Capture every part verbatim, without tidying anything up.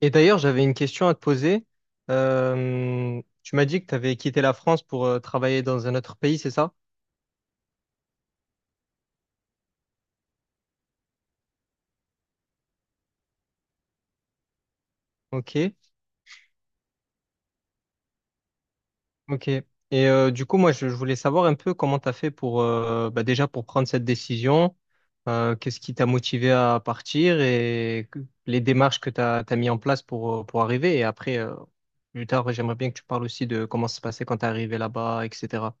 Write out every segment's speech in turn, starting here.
Et d'ailleurs, j'avais une question à te poser. Euh, tu m'as dit que tu avais quitté la France pour euh, travailler dans un autre pays, c'est ça? Ok, ok. Et euh, du coup, moi, je, je voulais savoir un peu comment tu as fait pour, euh, bah, déjà pour prendre cette décision, euh, qu'est-ce qui t'a motivé à partir et que- les démarches que tu as, mis en place pour, euh, pour arriver. Et après, euh, plus tard, j'aimerais bien que tu parles aussi de comment ça se passait quand tu es arrivé là-bas, et cetera.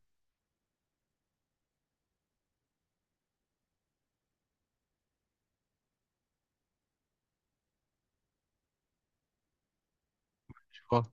Tu vois.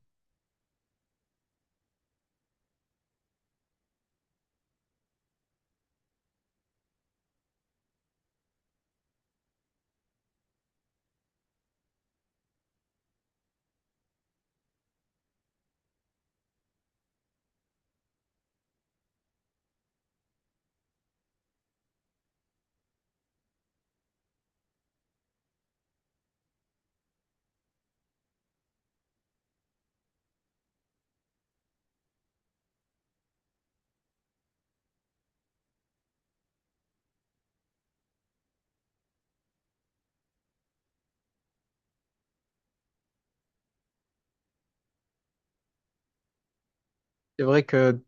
C'est vrai que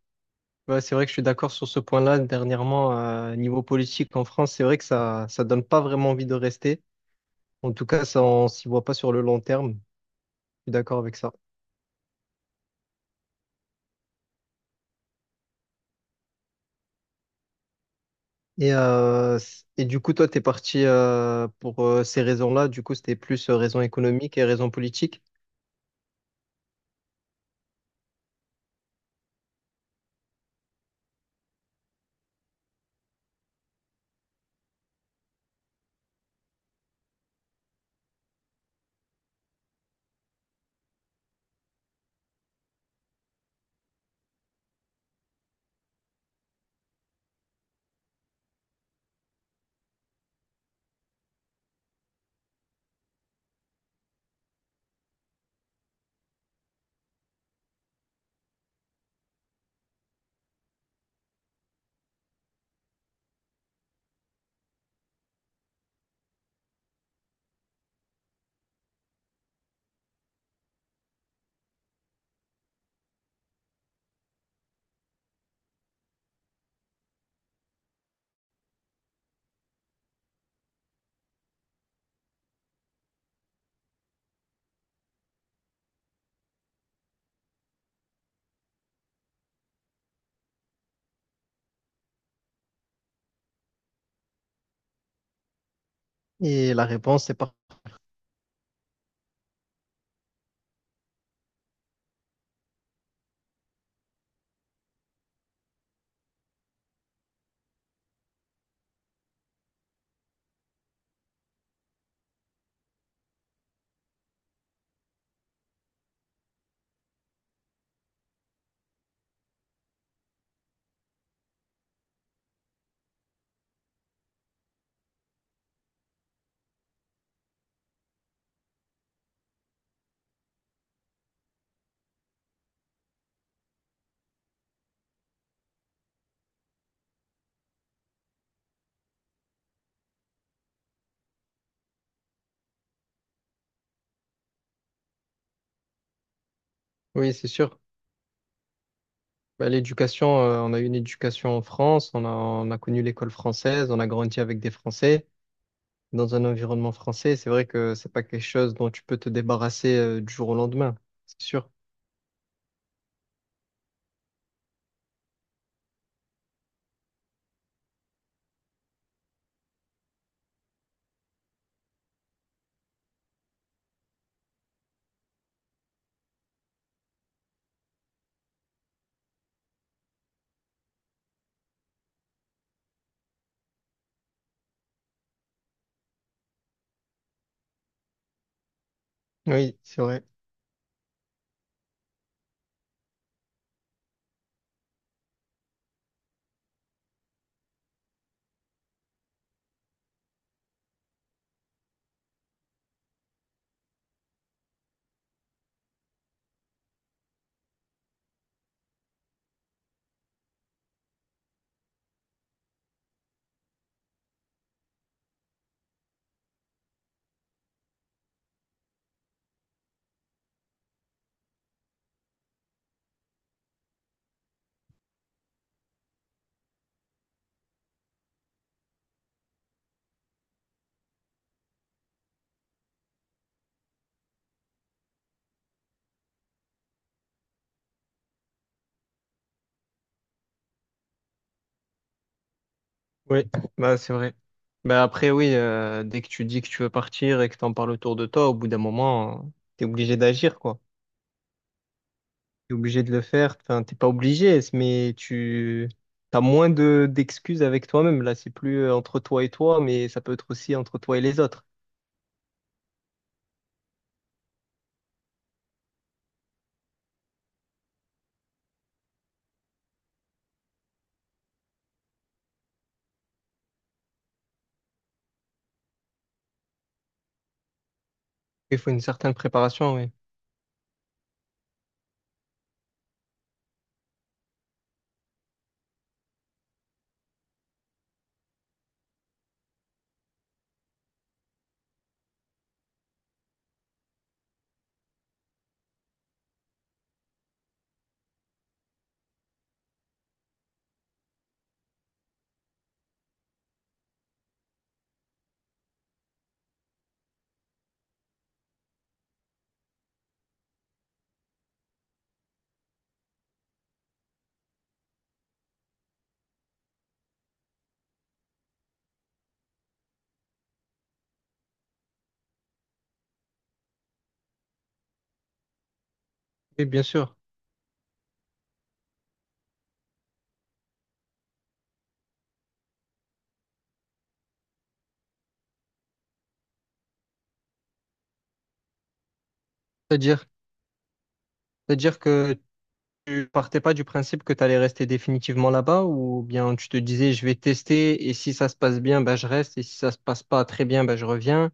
Ouais, c'est vrai que je suis d'accord sur ce point-là. Dernièrement, euh, niveau politique en France, c'est vrai que ça ça donne pas vraiment envie de rester. En tout cas, ça, on s'y voit pas sur le long terme. Je suis d'accord avec ça. Et, euh, c- et du coup, toi, t'es parti euh, pour euh, ces raisons-là. Du coup, c'était plus euh, raison économique et raison politique. Et la réponse, c'est pas. Oui, c'est sûr. Bah, l'éducation, euh, on a eu une éducation en France. On a, on a connu l'école française. On a grandi avec des Français. Dans un environnement français, c'est vrai que c'est pas quelque chose dont tu peux te débarrasser euh, du jour au lendemain, c'est sûr. Oui, c'est vrai. Oui, bah c'est vrai. Bah après, oui, euh, dès que tu dis que tu veux partir et que t'en parles autour de toi, au bout d'un moment, t'es obligé d'agir, quoi. T'es obligé de le faire. Enfin, t'es pas obligé, mais tu t'as moins de d'excuses avec toi-même. Là, c'est plus euh, entre toi et toi, mais ça peut être aussi entre toi et les autres. Il faut une certaine préparation, oui. Oui, bien sûr. C'est-à-dire, c'est-à-dire que tu partais pas du principe que tu allais rester définitivement là-bas ou bien tu te disais je vais tester et si ça se passe bien, ben je reste et si ça se passe pas très bien, ben je reviens.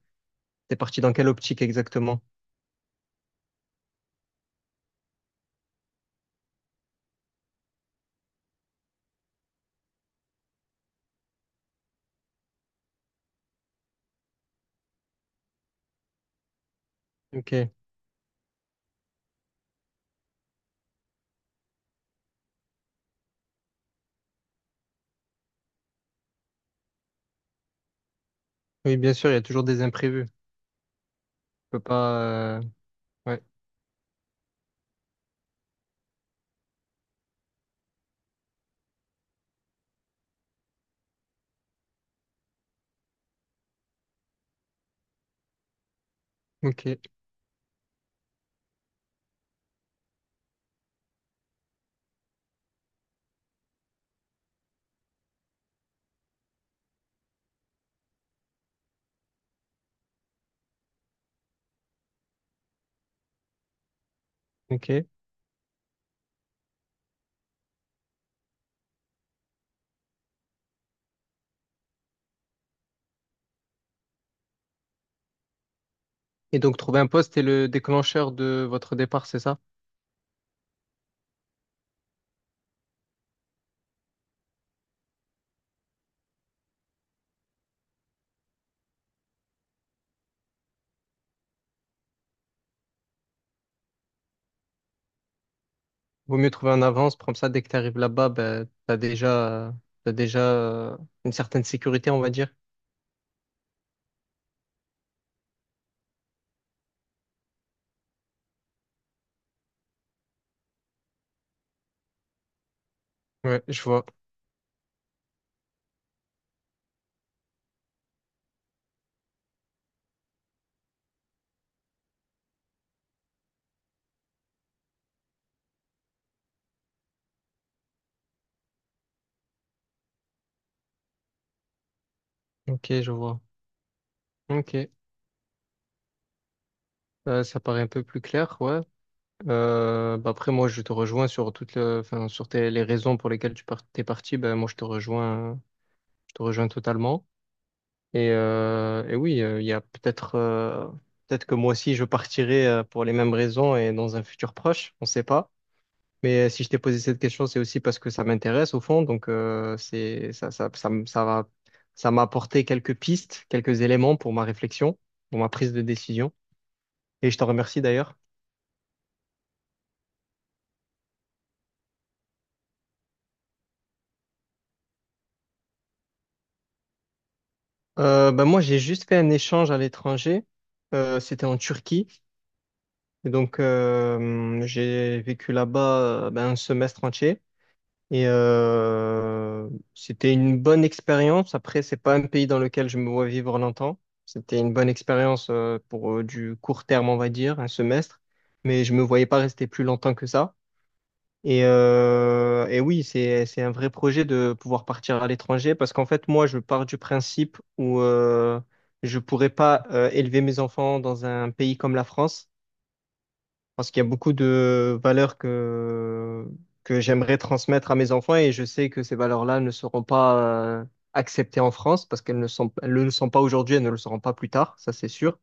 T'es parti dans quelle optique exactement? Ok. Oui, bien sûr, il y a toujours des imprévus. Tu peux pas. euh, Ouais. Ok. Ok. Et donc trouver un poste est le déclencheur de votre départ, c'est ça? Vaut mieux trouver en avance, comme ça, dès que tu arrives là-bas, ben t'as déjà, euh, t'as déjà euh, une certaine sécurité, on va dire. Ouais, je vois. Ok, je vois. Ok. Euh, ça paraît un peu plus clair, ouais. Euh, bah après, moi, je te rejoins sur toutes le- enfin, sur tes- les raisons pour lesquelles tu par- t'es parti. Bah, moi, je te rejoins, je te rejoins totalement. Et, euh, et oui, euh, il y a peut-être euh, peut-être que moi aussi, je partirai euh, pour les mêmes raisons et dans un futur proche, on ne sait pas. Mais euh, si je t'ai posé cette question, c'est aussi parce que ça m'intéresse au fond. Donc, euh, c'est, ça, ça, ça, m- ça va, ça m'a apporté quelques pistes, quelques éléments pour ma réflexion, pour ma prise de décision. Et je t'en remercie d'ailleurs. Euh, bah, moi, j'ai juste fait un échange à l'étranger. Euh, c'était en Turquie. Et donc, euh, j'ai vécu là-bas euh, ben, un semestre entier. Et euh, c'était une bonne expérience. Après, c'est pas un pays dans lequel je me vois vivre longtemps. C'était une bonne expérience euh, pour euh, du court terme, on va dire, un semestre. Mais je me voyais pas rester plus longtemps que ça. Et, euh, et oui, c'est, c'est un vrai projet de pouvoir partir à l'étranger parce qu'en fait, moi, je pars du principe où euh, je pourrais pas euh, élever mes enfants dans un pays comme la France parce qu'il y a beaucoup de valeurs que, que j'aimerais transmettre à mes enfants et je sais que ces valeurs-là ne seront pas euh, acceptées en France parce qu'elles ne sont, elles ne le sont pas aujourd'hui, elles ne le seront pas plus tard, ça c'est sûr.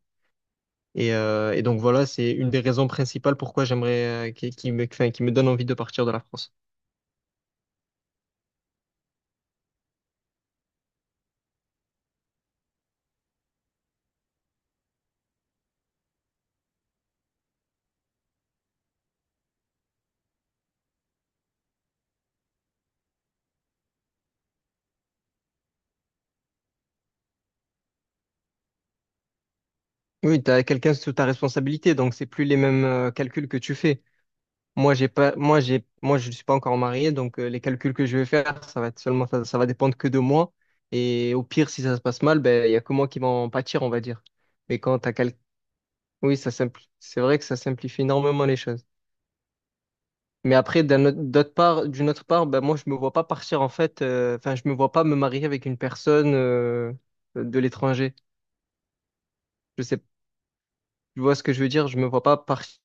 Et, euh, et donc voilà, c'est une des raisons principales pourquoi j'aimerais, euh, qui, qui me, enfin, qui me donne envie de partir de la France. Oui, tu as quelqu'un sous ta responsabilité, donc c'est plus les mêmes euh, calculs que tu fais. Moi, j'ai pas, moi, j'ai, moi, je ne suis pas encore marié, donc euh, les calculs que je vais faire, ça va être seulement, ça, ça va dépendre que de moi. Et au pire, si ça se passe mal, ben, il y a que moi qui vais en pâtir, on va dire. Mais quand t'as quel... oui, ça simpli- c'est vrai que ça simplifie énormément les choses. Mais après, d'un autre- d'autre part, d'une autre part, ben, moi, je me vois pas partir, en fait, euh, enfin, je me vois pas me marier avec une personne euh, de l'étranger. Je sais. Tu vois ce que je veux dire? Je me vois pas partir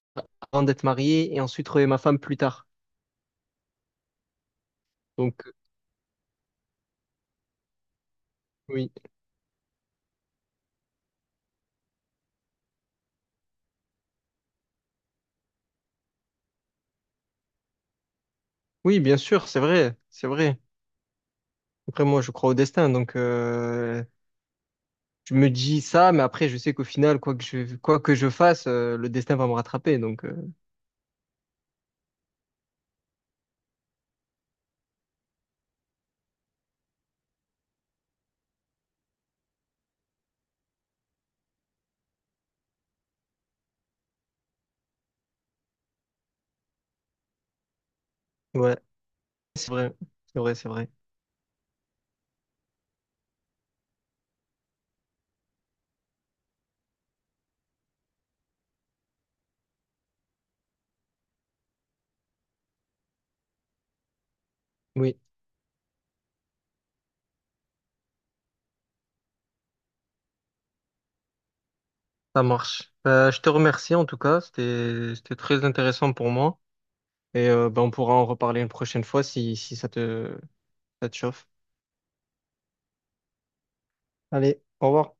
avant d'être marié et ensuite trouver ma femme plus tard. Donc, euh, oui. Oui, bien sûr, c'est vrai, c'est vrai. Après, moi, je crois au destin, donc euh, je me dis ça, mais après, je sais qu'au final, quoi que je, quoi que je fasse, euh, le destin va me rattraper. Donc, euh, ouais, c'est vrai, c'est vrai, c'est vrai. Oui, ça marche. Euh, je te remercie en tout cas, c'était, c'était très intéressant pour moi. Et euh, ben, on pourra en reparler une prochaine fois si, si ça te, ça te chauffe. Allez, au revoir.